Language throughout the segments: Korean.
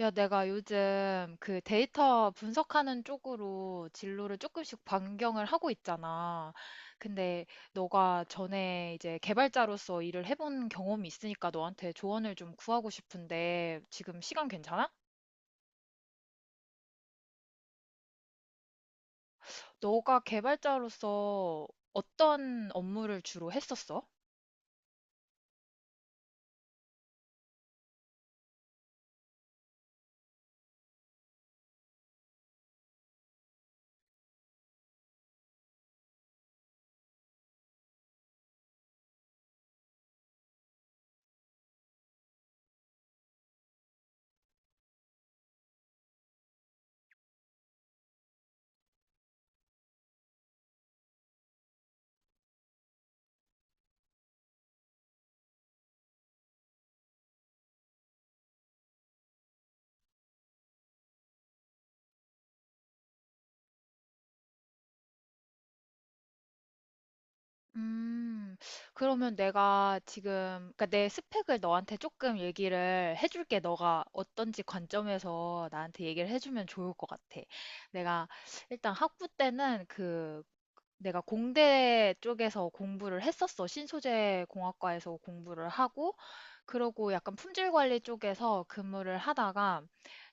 야, 내가 요즘 그 데이터 분석하는 쪽으로 진로를 조금씩 변경을 하고 있잖아. 근데 너가 전에 이제 개발자로서 일을 해본 경험이 있으니까 너한테 조언을 좀 구하고 싶은데 지금 시간 괜찮아? 너가 개발자로서 어떤 업무를 주로 했었어? 음, 그러면 내가 지금, 그러니까 내 스펙을 너한테 조금 얘기를 해줄게. 너가 어떤지 관점에서 나한테 얘기를 해주면 좋을 것 같아. 내가 일단 학부 때는 그 내가 공대 쪽에서 공부를 했었어. 신소재 공학과에서 공부를 하고, 그러고 약간 품질 관리 쪽에서 근무를 하다가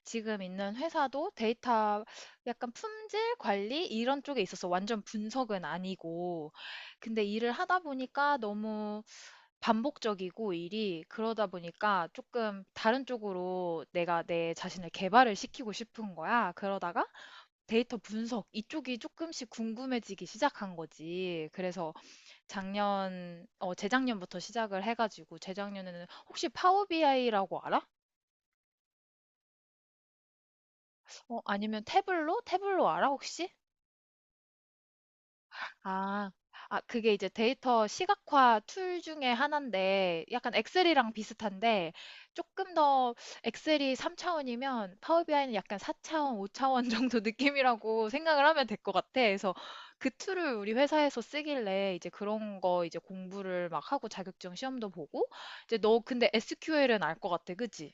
지금 있는 회사도 데이터, 약간 품질 관리 이런 쪽에 있어서 완전 분석은 아니고, 근데 일을 하다 보니까 너무 반복적이고 일이 그러다 보니까 조금 다른 쪽으로 내가 내 자신을 개발을 시키고 싶은 거야. 그러다가 데이터 분석 이쪽이 조금씩 궁금해지기 시작한 거지. 그래서 작년 어 재작년부터 시작을 해 가지고 재작년에는 "혹시 파워 BI라고 알아?" 아니면 "태블로? 태블로 알아 혹시?" 아, 아, 그게 이제 데이터 시각화 툴 중에 하나인데, 약간 엑셀이랑 비슷한데, 조금 더 엑셀이 3차원이면 파워비아이는 약간 4차원, 5차원 정도 느낌이라고 생각을 하면 될 것 같아. 그래서 그 툴을 우리 회사에서 쓰길래 이제 그런 거 이제 공부를 막 하고 자격증 시험도 보고, 이제 너 근데 SQL은 알 것 같아, 그지?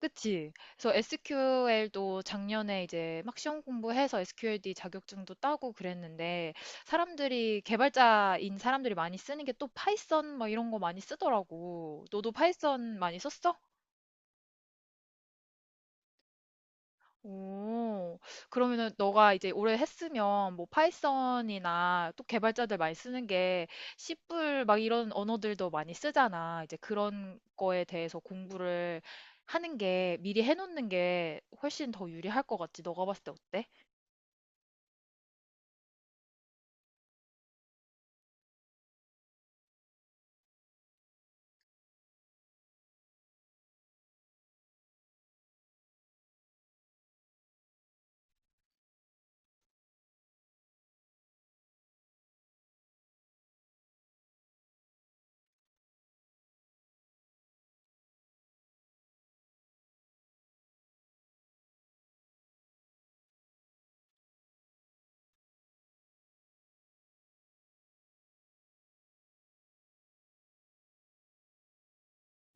그치. 그래서 SQL도 작년에 이제 막 시험 공부해서 SQLD 자격증도 따고 그랬는데 사람들이 개발자인 사람들이 많이 쓰는 게 또 파이썬 막 이런 거 많이 쓰더라고. 너도 파이썬 많이 썼어? 오, 그러면은 너가 이제 올해 했으면 뭐 파이썬이나 또 개발자들 많이 쓰는 게 C++ 막 이런 언어들도 많이 쓰잖아. 이제 그런 거에 대해서 공부를 하는 게 미리 해놓는 게 훨씬 더 유리할 것 같지. 너가 봤을 때 어때?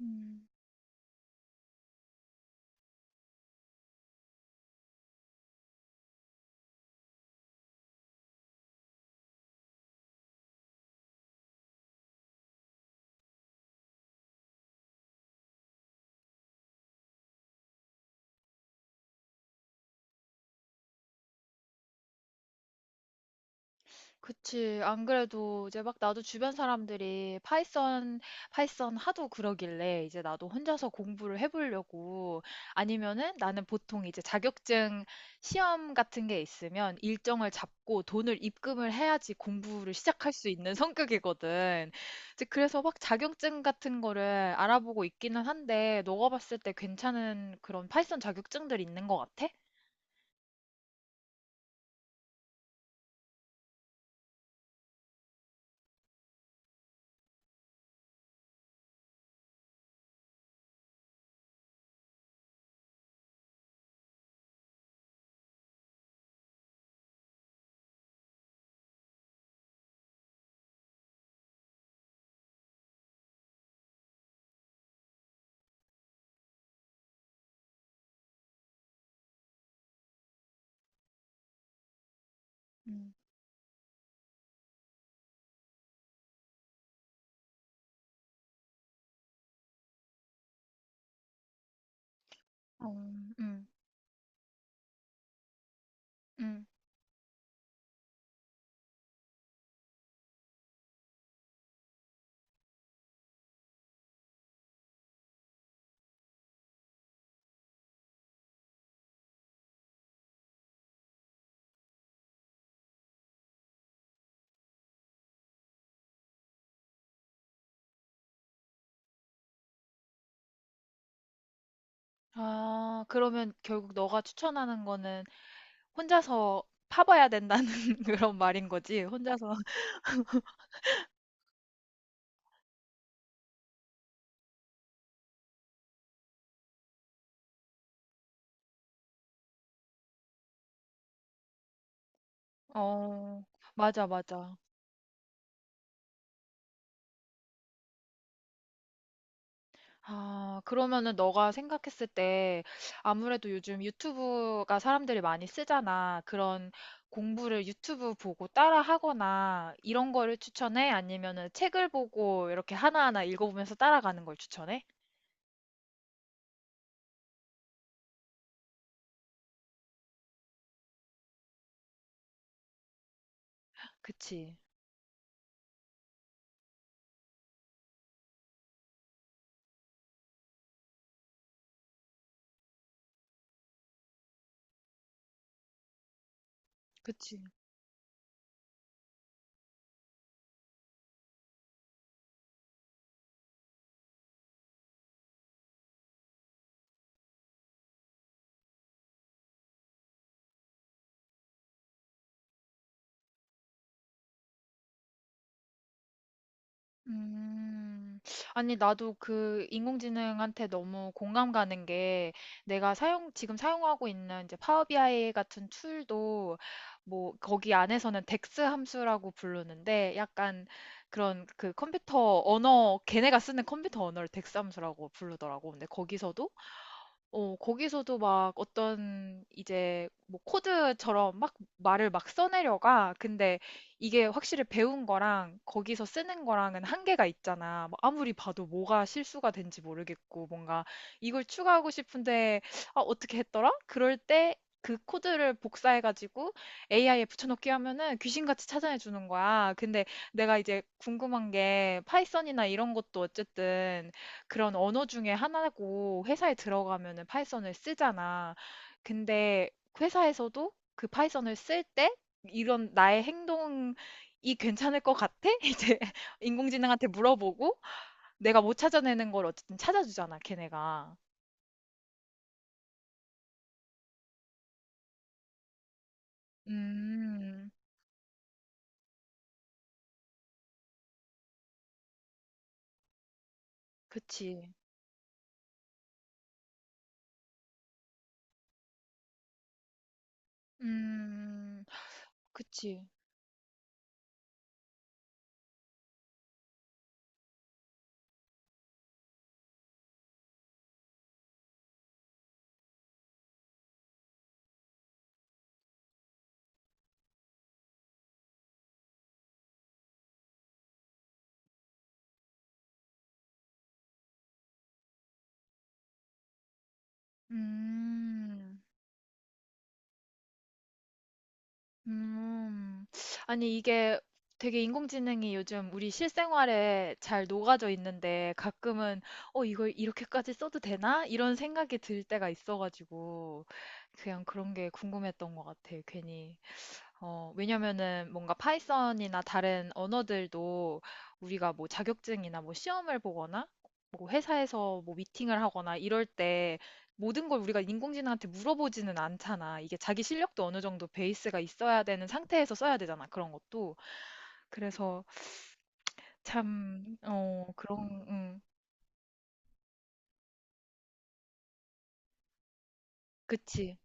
음. 그치. 안 그래도 이제 막 나도 주변 사람들이 파이썬, 파이썬 하도 그러길래 이제 나도 혼자서 공부를 해보려고. 아니면은 나는 보통 이제 자격증 시험 같은 게 있으면 일정을 잡고 돈을 입금을 해야지 공부를 시작할 수 있는 성격이거든. 이제 그래서 막 자격증 같은 거를 알아보고 있기는 한데 너가 봤을 때 괜찮은 그런 파이썬 자격증들 있는 것 같아? 음. 어, 음, 음. 아, 그러면 결국 너가 추천하는 거는 혼자서 파봐야 된다는 그런 말인 거지? 혼자서. 어, 맞아, 맞아. 아, 그러면은 너가 생각했을 때 아무래도 요즘 유튜브가 사람들이 많이 쓰잖아. 그런 공부를 유튜브 보고 따라 하거나 이런 거를 추천해? 아니면은 책을 보고 이렇게 하나하나 읽어보면서 따라가는 걸 추천해? 그치, 그치. 음. 아니, 나도 그 인공지능한테 너무 공감 가는 게 내가 사용, 지금 사용하고 있는 이제 파워비아이 같은 툴도 뭐 거기 안에서는 덱스 함수라고 부르는데 약간 그런 그 컴퓨터 언어, 걔네가 쓰는 컴퓨터 언어를 덱스 함수라고 부르더라고. 근데 거기서도, 거기서도 막 어떤 이제 뭐 코드처럼 막 말을 막 써내려가. 근데 이게 확실히 배운 거랑 거기서 쓰는 거랑은 한계가 있잖아. 뭐 아무리 봐도 뭐가 실수가 된지 모르겠고, 뭔가 이걸 추가하고 싶은데, 아, 어떻게 했더라? 그럴 때 그 코드를 복사해가지고 AI에 붙여넣기 하면은 귀신같이 찾아내 주는 거야. 근데 내가 이제 궁금한 게 파이썬이나 이런 것도 어쨌든 그런 언어 중에 하나고 회사에 들어가면은 파이썬을 쓰잖아. 근데 회사에서도 그 파이썬을 쓸때 이런 나의 행동이 괜찮을 것 같아? 이제 인공지능한테 물어보고 내가 못 찾아내는 걸 어쨌든 찾아주잖아, 걔네가. 음, 그치. 음, 그치. 음, 음. 아니, 이게 되게 인공지능이 요즘 우리 실생활에 잘 녹아져 있는데 가끔은, 어, 이걸 이렇게까지 써도 되나? 이런 생각이 들 때가 있어가지고, 그냥 그런 게 궁금했던 것 같아, 괜히. 어, 왜냐면은 뭔가 파이썬이나 다른 언어들도 우리가 뭐 자격증이나 뭐 시험을 보거나 뭐 회사에서 뭐 미팅을 하거나 이럴 때 모든 걸 우리가 인공지능한테 물어보지는 않잖아. 이게 자기 실력도 어느 정도 베이스가 있어야 되는 상태에서 써야 되잖아. 그런 것도. 그래서 참, 그런, 음, 그치.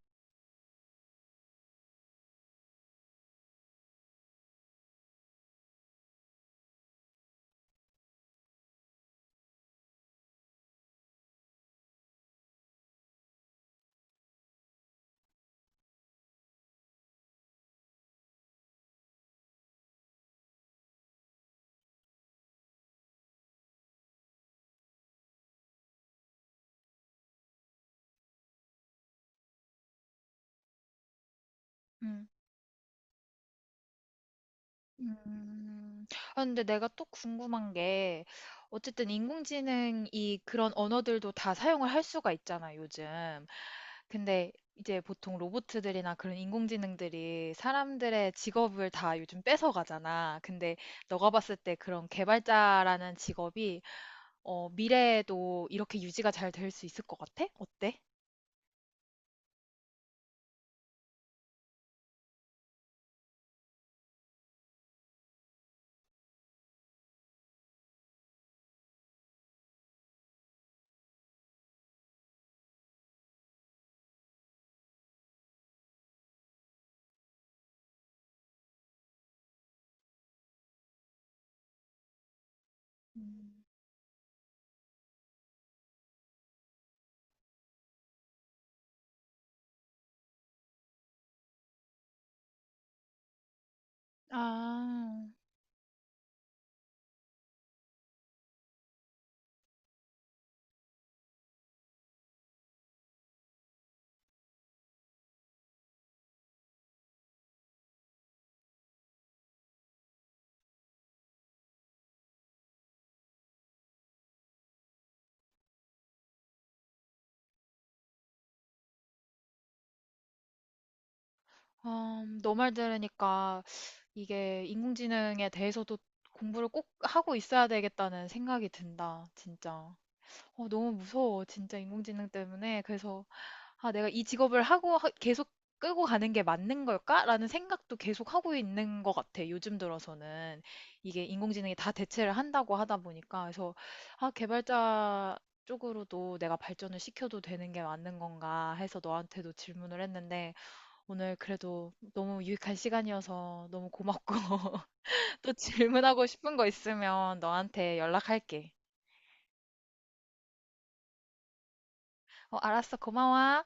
음. 음. 아, 근데 내가 또 궁금한 게, 어쨌든 인공지능이 그런 언어들도 다 사용을 할 수가 있잖아, 요즘. 근데 이제 보통 로봇들이나 그런 인공지능들이 사람들의 직업을 다 요즘 뺏어가잖아. 근데 너가 봤을 때 그런 개발자라는 직업이 어, 미래에도 이렇게 유지가 잘 될 수 있을 것 같아? 어때? 음. 아, 너말 들으니까 이게 인공지능에 대해서도 공부를 꼭 하고 있어야 되겠다는 생각이 든다, 진짜. 어, 너무 무서워, 진짜 인공지능 때문에. 그래서, 아, 내가 이 직업을 하고 계속 끌고 가는 게 맞는 걸까? 라는 생각도 계속 하고 있는 것 같아, 요즘 들어서는. 이게 인공지능이 다 대체를 한다고 하다 보니까. 그래서, 아, 개발자 쪽으로도 내가 발전을 시켜도 되는 게 맞는 건가 해서 너한테도 질문을 했는데, 오늘 그래도 너무 유익한 시간이어서 너무 고맙고. 또 질문하고 싶은 거 있으면 너한테 연락할게. 어, 알았어. 고마워.